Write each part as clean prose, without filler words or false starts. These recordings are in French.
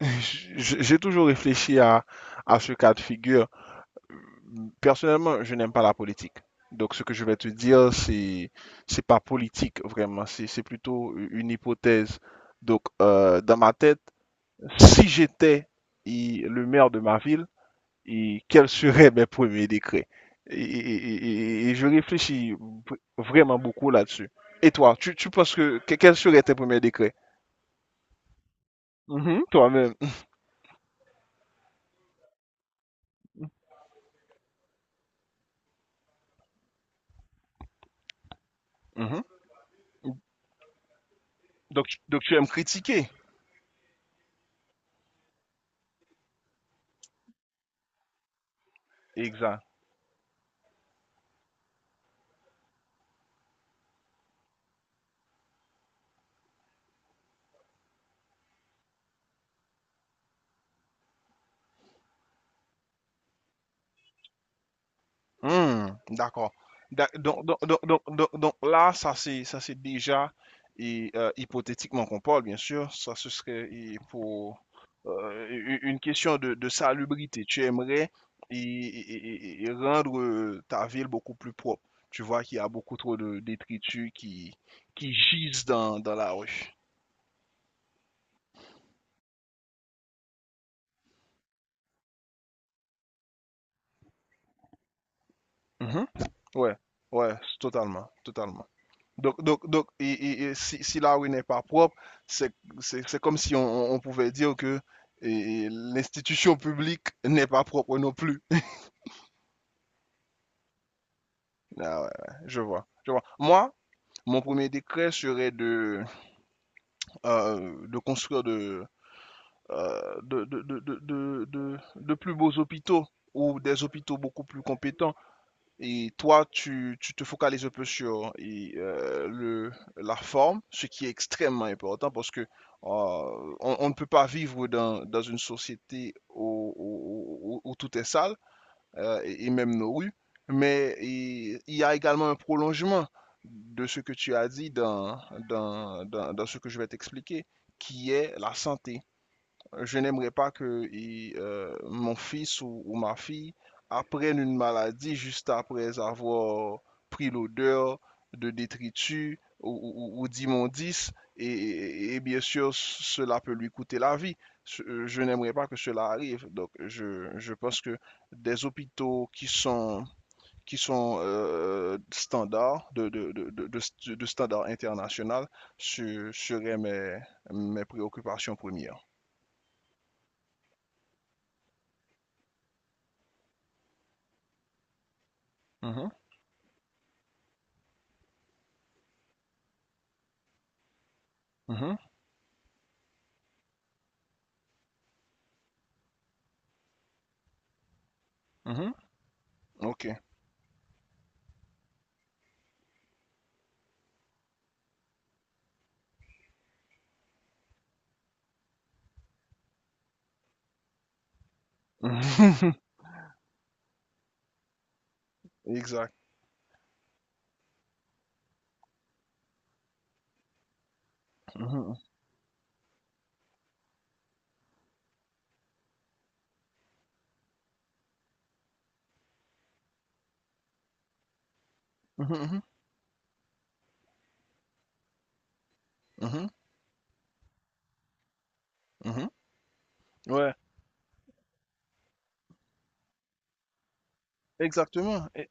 J'ai toujours réfléchi à ce cas de figure. Personnellement, je n'aime pas la politique. Donc, ce que je vais te dire, c'est pas politique, vraiment. C'est plutôt une hypothèse. Donc, dans ma tête, si j'étais le maire de ma ville, et quels seraient mes premiers décrets? Et je réfléchis vraiment beaucoup là-dessus. Et toi, tu penses quels seraient tes premiers décrets? Mhm, toi-même. Mhm. Donc, tu aimes critiquer. Exact. Hmm, d'accord. Donc là, ça c'est déjà et hypothétiquement qu'on parle, bien sûr. Ça ce serait et pour une question de salubrité. Tu aimerais et rendre ta ville beaucoup plus propre. Tu vois qu'il y a beaucoup trop de détritus qui gisent dans la rue. Mhm. Ouais, ouais, totalement, totalement. Donc et si la rue n'est pas propre, c'est c'est comme si pouvait dire que et l'institution publique n'est pas propre non plus. Ah ouais, ouais, je vois, je vois. Moi, mon premier décret serait de construire de plus beaux hôpitaux ou des hôpitaux beaucoup plus compétents. Et toi, tu te focalises un peu sur la forme, ce qui est extrêmement important parce que on ne peut pas vivre dans une société où tout est sale, et même nos rues. Mais il y a également un prolongement de ce que tu as dit dans ce que je vais t'expliquer, qui est la santé. Je n'aimerais pas que mon fils ou ma fille apprenne une maladie juste après avoir pris l'odeur de détritus d'immondices et bien sûr cela peut lui coûter la vie. Je n'aimerais pas que cela arrive. Donc je pense que des hôpitaux qui sont standards standards international seraient mes préoccupations premières. Mhm, mhm. Mhm. Ok. Exact. Mhm. Mhm. Mhm. Mhm. Mhm. Ouais, exactement.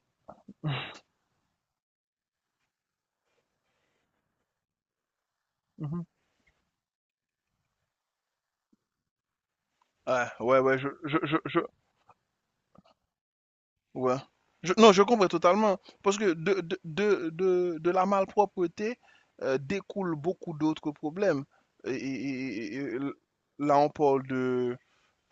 Mhm. Ah, ouais, ouais, ouais. Non, je comprends totalement. Parce que de la malpropreté découle beaucoup d'autres problèmes. Et là, on parle de,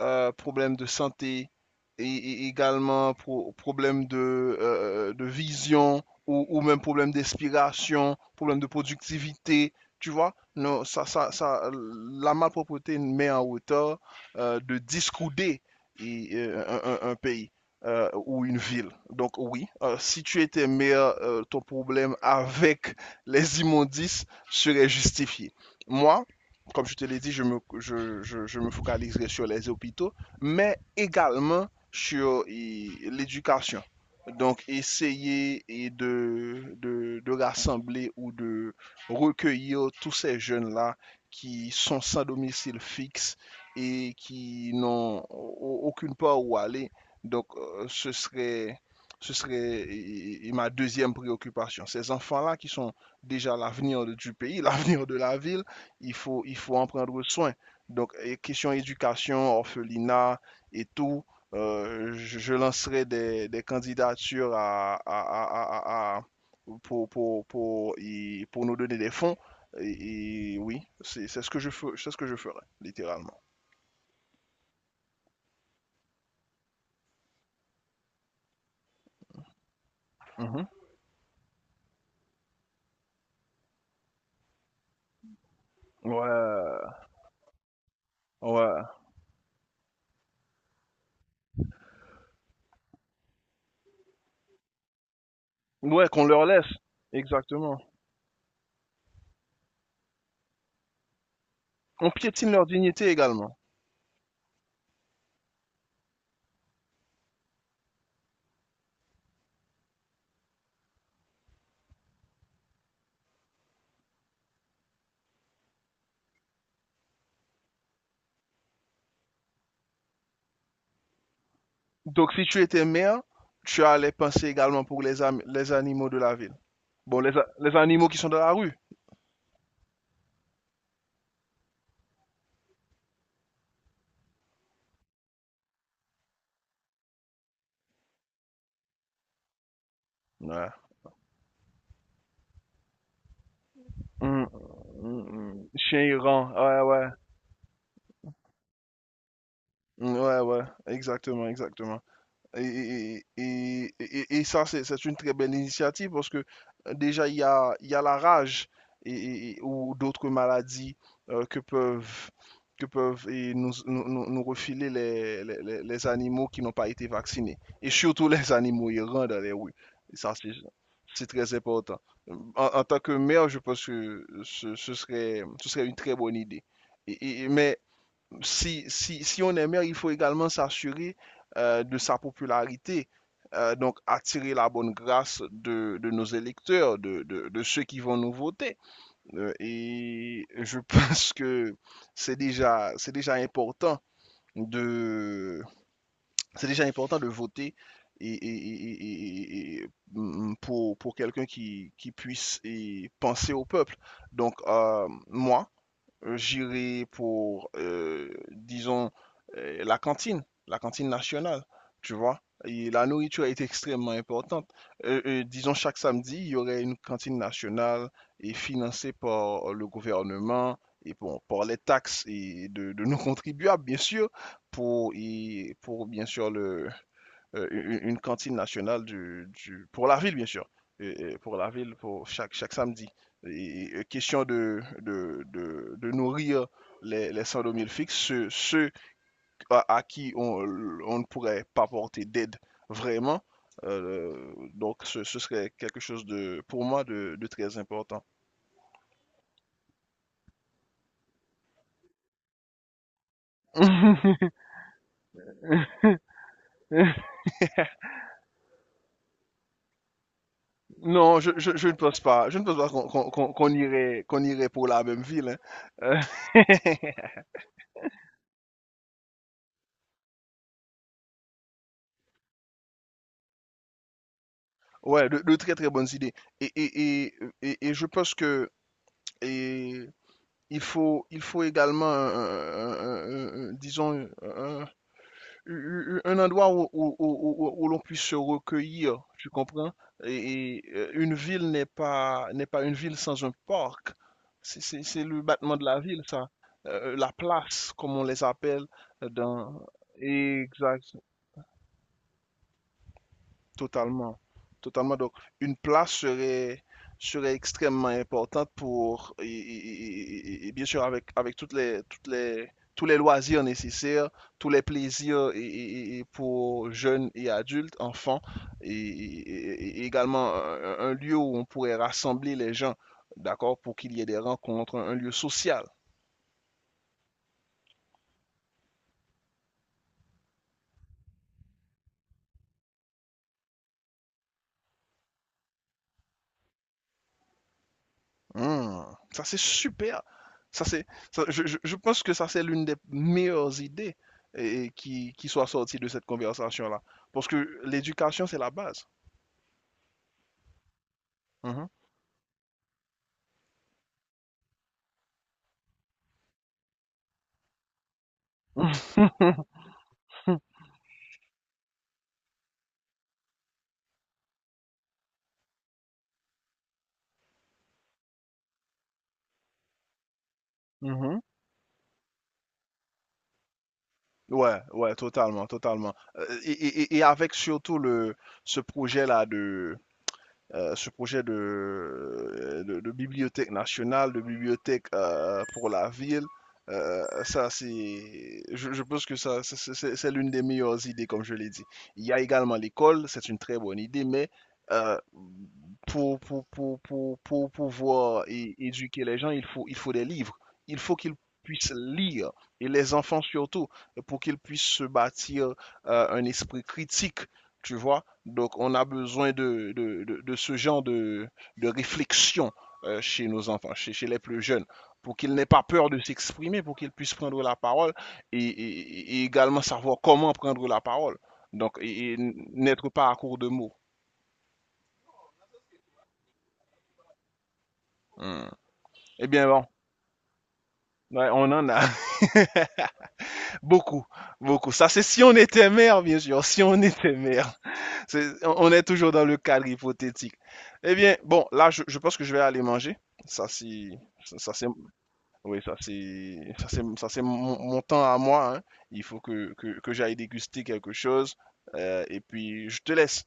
euh, problème de santé et également problème de vision ou même problèmes d'inspiration, problèmes de productivité. Tu vois, non, la malpropreté met en hauteur de discouder un pays ou une ville. Donc oui, si tu étais maire, ton problème avec les immondices serait justifié. Moi, comme je te l'ai dit, je me focaliserai sur les hôpitaux, mais également sur l'éducation. Donc, essayer et de rassembler ou de recueillir tous ces jeunes-là qui sont sans domicile fixe et qui n'ont aucune part où aller. Donc, ce serait ma deuxième préoccupation. Ces enfants-là qui sont déjà l'avenir du pays, l'avenir de la ville. Il faut en prendre soin. Donc, question éducation, orphelinat et tout, je lancerai des candidatures pour, pour, pour, pour nous donner des fonds. Et oui, c'est ce que je ferai, littéralement. Mhm. Ouais, ouais. Ouais, qu'on leur laisse. Exactement. On piétine leur dignité également. Donc, si tu étais mère, tu allais penser également pour les animaux de la ville. Bon, les animaux qui sont dans la rue. Ouais. Mm, mm, mm. Chien errant. Ouais, ouais. Mm, ouais, ouais. Exactement, exactement. Ça, c'est une très belle initiative parce que déjà, il y a la rage ou d'autres maladies euh, que peuvent, que peuvent nous refiler les animaux qui n'ont pas été vaccinés. Et surtout les animaux errants dans les rues. Et ça, c'est très important. En tant que maire, je pense que ce serait une très bonne idée. Mais si on est maire, il faut également s'assurer de sa popularité. Donc attirer la bonne grâce de nos électeurs, ceux qui vont nous voter. Et je pense que c'est déjà, c'est déjà important de, c'est déjà important de voter et pour quelqu'un qui puisse et penser au peuple. Donc moi, j'irai pour, disons, la cantine nationale, tu vois. Et la nourriture est extrêmement importante. Disons, chaque samedi, il y aurait une cantine nationale et financée par le gouvernement et bon, par les taxes et de nos contribuables, bien sûr, pour, et pour bien sûr, une cantine nationale pour la ville, bien sûr, et pour la ville, pour chaque samedi. Et question de nourrir les 102 000 fixes, ceux à qui on ne pourrait pas porter d'aide vraiment. Donc, ce serait quelque chose pour moi, de très important. Non, je ne pense pas. Je ne pense pas qu'on irait pour la même ville. Hein. Euh, Ouais, de très très bonnes idées. Et, et, et, et je pense que et il faut également, disons, un endroit où l'on puisse se recueillir, tu comprends? Une ville n'est pas une ville sans un parc. C'est le battement de la ville, ça. La place, comme on les appelle. euh, dans... Exact. Totalement, totalement. Donc, une place serait extrêmement importante pour, et bien sûr, avec tous les loisirs nécessaires, tous les plaisirs et pour jeunes et adultes, enfants, et également un lieu où on pourrait rassembler les gens, d'accord, pour qu'il y ait des rencontres, un lieu social. Mmh. Ça, c'est super. Ça, c'est, ça- je pense que ça, c'est l'une des meilleures idées et qui soit sortie de cette conversation-là. Parce que l'éducation, c'est la base. Mhm. Mhm. Ouais, ouais, totalement, totalement. Et avec surtout ce projet-là, ce projet de bibliothèque nationale, de bibliothèque pour la ville. Je pense que ça, l'une des meilleures idées, comme je l'ai dit. Il y a également l'école, c'est une très bonne idée, mais euh, pour pouvoir éduquer les gens, il faut des livres. Il faut qu'ils puissent lire, et les enfants surtout, pour qu'ils puissent se bâtir un esprit critique, tu vois. Donc, on a besoin de ce genre de réflexion chez nos enfants, chez les plus jeunes, pour qu'ils n'aient pas peur de s'exprimer, pour qu'ils puissent prendre la parole et également savoir comment prendre la parole. Donc, n'être pas à court de mots. Hmm. Eh bien, bon, ouais, on en a beaucoup, beaucoup. Ça, c'est si on était mère, bien sûr, si on était mère. On est toujours dans le cadre hypothétique. Eh bien, bon, là, je pense que je vais aller manger. Ça, c'est ça, c'est Oui, ça c'est mon temps à moi, hein. Il faut que j'aille déguster quelque chose. Et puis je te laisse.